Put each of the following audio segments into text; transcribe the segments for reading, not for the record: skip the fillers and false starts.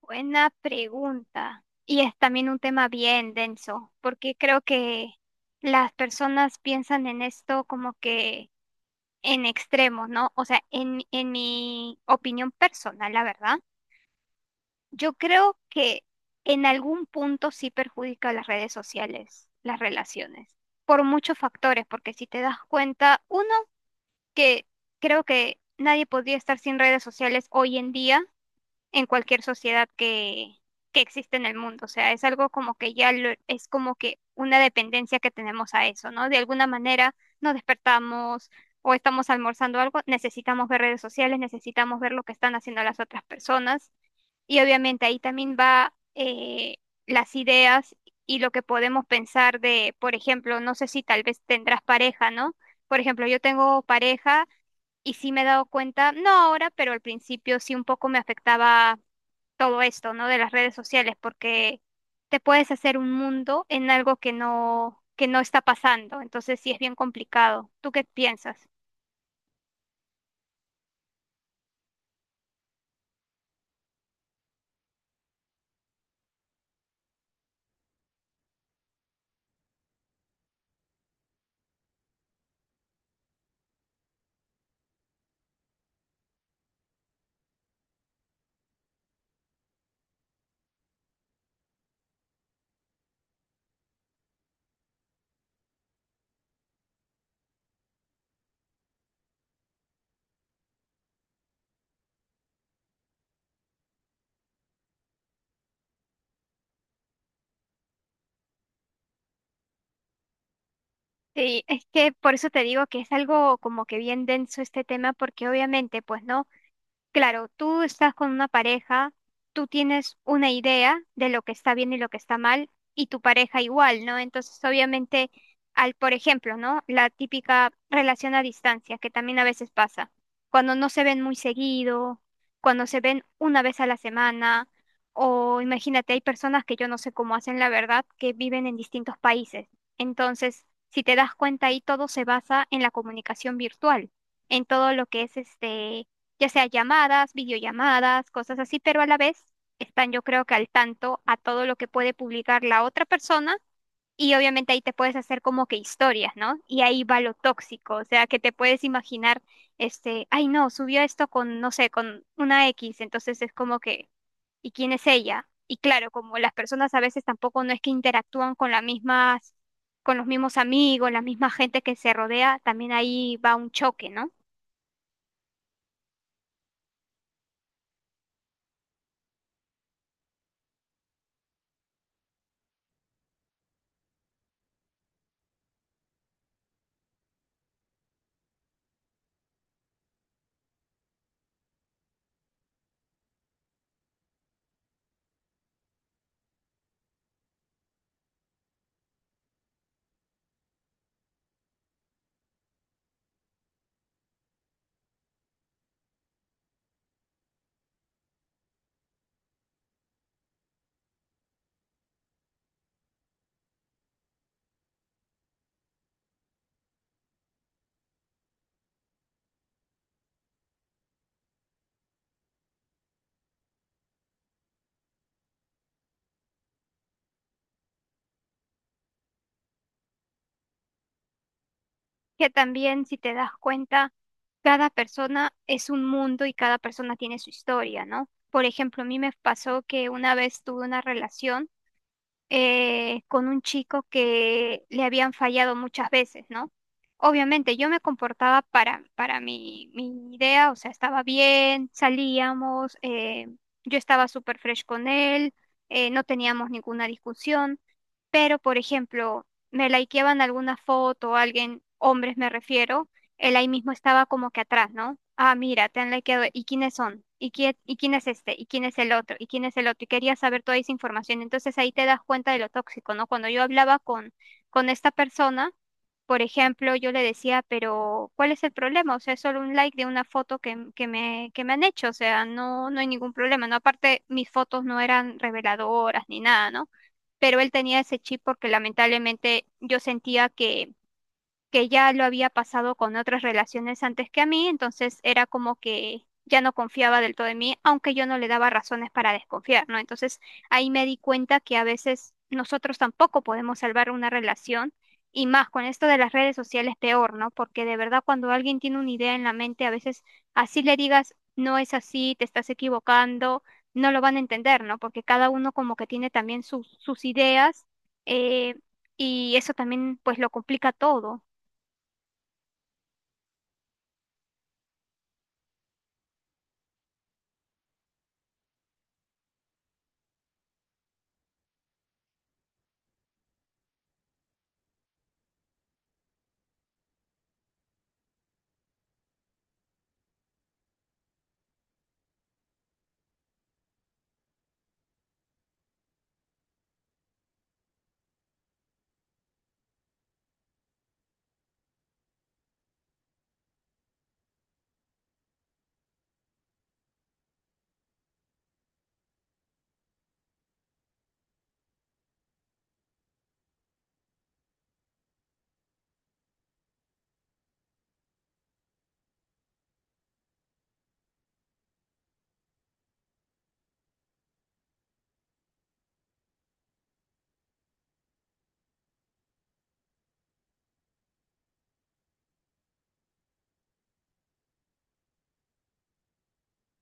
Buena pregunta. Y es también un tema bien denso, porque creo que las personas piensan en esto como que en extremos, ¿no? O sea, en mi opinión personal, la verdad, yo creo que en algún punto sí perjudica a las redes sociales, las relaciones, por muchos factores, porque si te das cuenta, uno, que creo que nadie podría estar sin redes sociales hoy en día en cualquier sociedad que existe en el mundo. O sea, es algo como que es como que una dependencia que tenemos a eso, ¿no? De alguna manera nos despertamos o estamos almorzando algo, necesitamos ver redes sociales, necesitamos ver lo que están haciendo las otras personas. Y obviamente ahí también va las ideas y lo que podemos pensar de, por ejemplo, no sé si tal vez tendrás pareja, ¿no? Por ejemplo, yo tengo pareja y sí me he dado cuenta, no ahora, pero al principio sí un poco me afectaba todo esto, ¿no? De las redes sociales, porque te puedes hacer un mundo en algo que no está pasando. Entonces sí es bien complicado. ¿Tú qué piensas? Sí, es que por eso te digo que es algo como que bien denso este tema, porque obviamente, pues, ¿no? Claro, tú estás con una pareja, tú tienes una idea de lo que está bien y lo que está mal, y tu pareja igual, ¿no? Entonces, obviamente, al, por ejemplo, ¿no? La típica relación a distancia, que también a veces pasa, cuando no se ven muy seguido, cuando se ven una vez a la semana, o imagínate, hay personas que yo no sé cómo hacen la verdad, que viven en distintos países. Entonces, si te das cuenta ahí, todo se basa en la comunicación virtual, en todo lo que es este, ya sea llamadas, videollamadas, cosas así, pero a la vez están yo creo que al tanto a todo lo que puede publicar la otra persona, y obviamente ahí te puedes hacer como que historias, ¿no? Y ahí va lo tóxico, o sea, que te puedes imaginar, este, ay no, subió esto con, no sé, con una X, entonces es como que, ¿y quién es ella? Y claro, como las personas a veces tampoco no es que interactúan con las mismas, con los mismos amigos, la misma gente que se rodea, también ahí va un choque, ¿no? Que también si te das cuenta, cada persona es un mundo y cada persona tiene su historia, ¿no? Por ejemplo, a mí me pasó que una vez tuve una relación con un chico que le habían fallado muchas veces, ¿no? Obviamente yo me comportaba para mi idea, o sea, estaba bien, salíamos, yo estaba súper fresh con él, no teníamos ninguna discusión. Pero, por ejemplo, me likeaban alguna foto alguien, hombres me refiero, él ahí mismo estaba como que atrás, ¿no? Ah, mira, te han likeado, ¿y quiénes son? ¿Y quién es este? ¿Y quién es el otro? ¿Y quién es el otro? Y quería saber toda esa información. Entonces ahí te das cuenta de lo tóxico, ¿no? Cuando yo hablaba con esta persona, por ejemplo, yo le decía, pero ¿cuál es el problema? O sea, es solo un like de una foto que me han hecho, o sea, no hay ningún problema, ¿no? Aparte, mis fotos no eran reveladoras ni nada, ¿no? Pero él tenía ese chip porque lamentablemente yo sentía que ya lo había pasado con otras relaciones antes que a mí, entonces era como que ya no confiaba del todo en mí, aunque yo no le daba razones para desconfiar, ¿no? Entonces ahí me di cuenta que a veces nosotros tampoco podemos salvar una relación, y más con esto de las redes sociales peor, ¿no? Porque de verdad cuando alguien tiene una idea en la mente, a veces así le digas, no es así, te estás equivocando, no lo van a entender, ¿no? Porque cada uno como que tiene también sus ideas, eh, y eso también pues lo complica todo.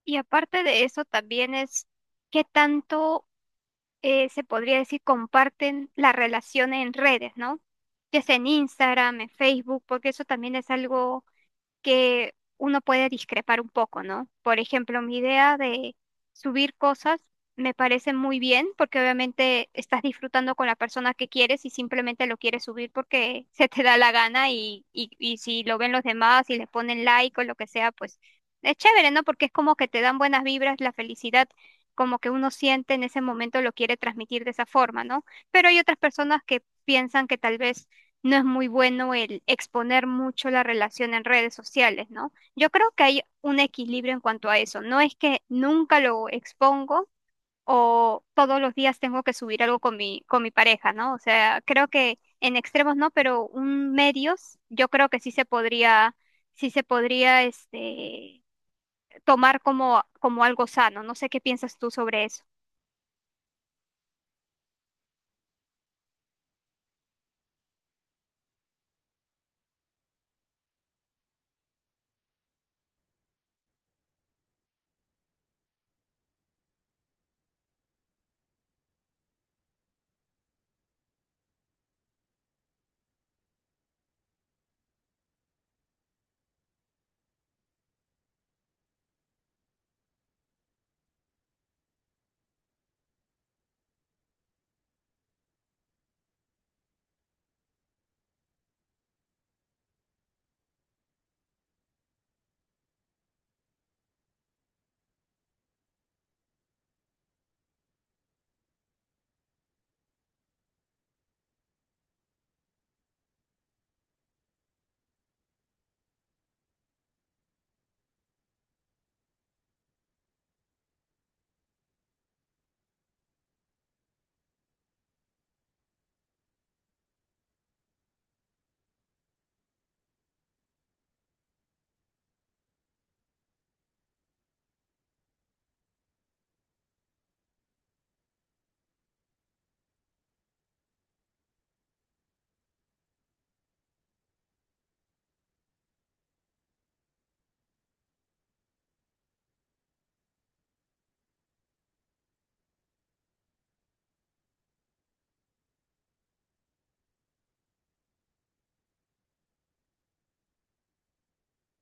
Y aparte de eso, también es qué tanto se podría decir comparten la relación en redes, ¿no? Ya sea en Instagram, en Facebook, porque eso también es algo que uno puede discrepar un poco, ¿no? Por ejemplo, mi idea de subir cosas me parece muy bien porque obviamente estás disfrutando con la persona que quieres y simplemente lo quieres subir porque se te da la gana y si lo ven los demás y le ponen like o lo que sea, pues es chévere, ¿no? Porque es como que te dan buenas vibras, la felicidad. Como que uno siente en ese momento lo quiere transmitir de esa forma, ¿no? Pero hay otras personas que piensan que tal vez no es muy bueno el exponer mucho la relación en redes sociales, ¿no? Yo creo que hay un equilibrio en cuanto a eso. No es que nunca lo expongo o todos los días tengo que subir algo con con mi pareja, ¿no? O sea, creo que en extremos no, pero un medios yo creo que sí se podría este, tomar como, como algo sano. No sé qué piensas tú sobre eso.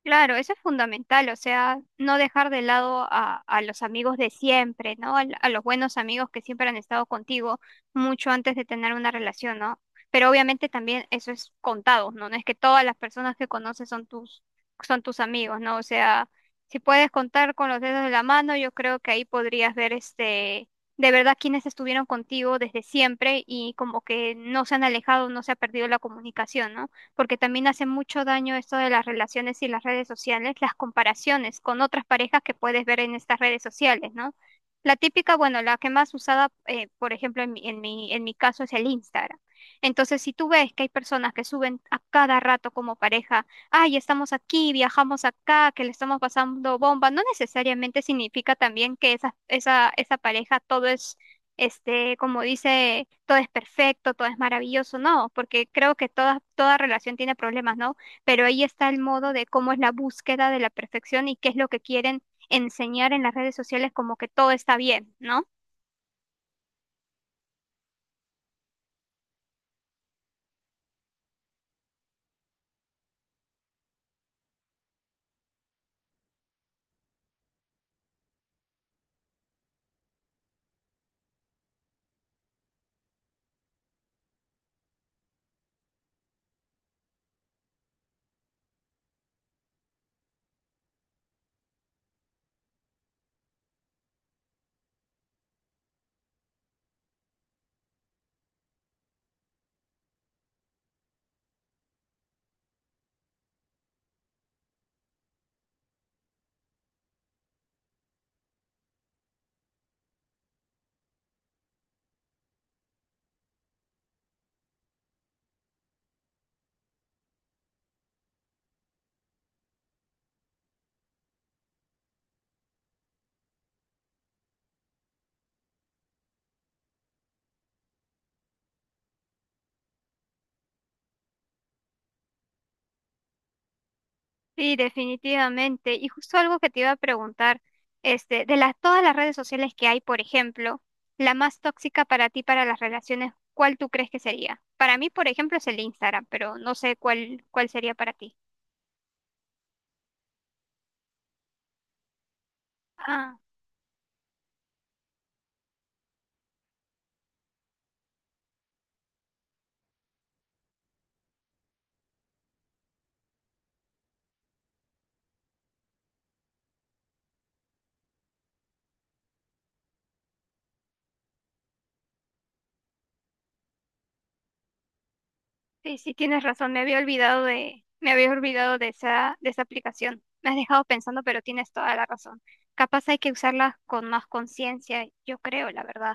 Claro, eso es fundamental, o sea, no dejar de lado a los amigos de siempre, ¿no? Los buenos amigos que siempre han estado contigo mucho antes de tener una relación, ¿no? Pero obviamente también eso es contado, ¿no? No es que todas las personas que conoces son son tus amigos, ¿no? O sea, si puedes contar con los dedos de la mano, yo creo que ahí podrías ver este, de verdad quienes estuvieron contigo desde siempre y como que no se han alejado, no se ha perdido la comunicación, ¿no? Porque también hace mucho daño esto de las relaciones y las redes sociales, las comparaciones con otras parejas que puedes ver en estas redes sociales, ¿no? La típica, bueno, la que más usada, por ejemplo, en mi caso es el Instagram. Entonces, si tú ves que hay personas que suben a cada rato como pareja, ay, estamos aquí, viajamos acá, que le estamos pasando bomba, no necesariamente significa también que esa pareja todo es este, como dice, todo es perfecto, todo es maravilloso, no, porque creo que toda relación tiene problemas, ¿no? Pero ahí está el modo de cómo es la búsqueda de la perfección y qué es lo que quieren enseñar en las redes sociales como que todo está bien, ¿no? Sí, definitivamente. Y justo algo que te iba a preguntar, este, de las todas las redes sociales que hay, por ejemplo, la más tóxica para ti para las relaciones, ¿cuál tú crees que sería? Para mí, por ejemplo, es el Instagram, pero no sé cuál sería para ti. Ah. Sí, sí, tienes razón, me había olvidado me había olvidado de esa aplicación. Me has dejado pensando, pero tienes toda la razón. Capaz hay que usarla con más conciencia, yo creo, la verdad.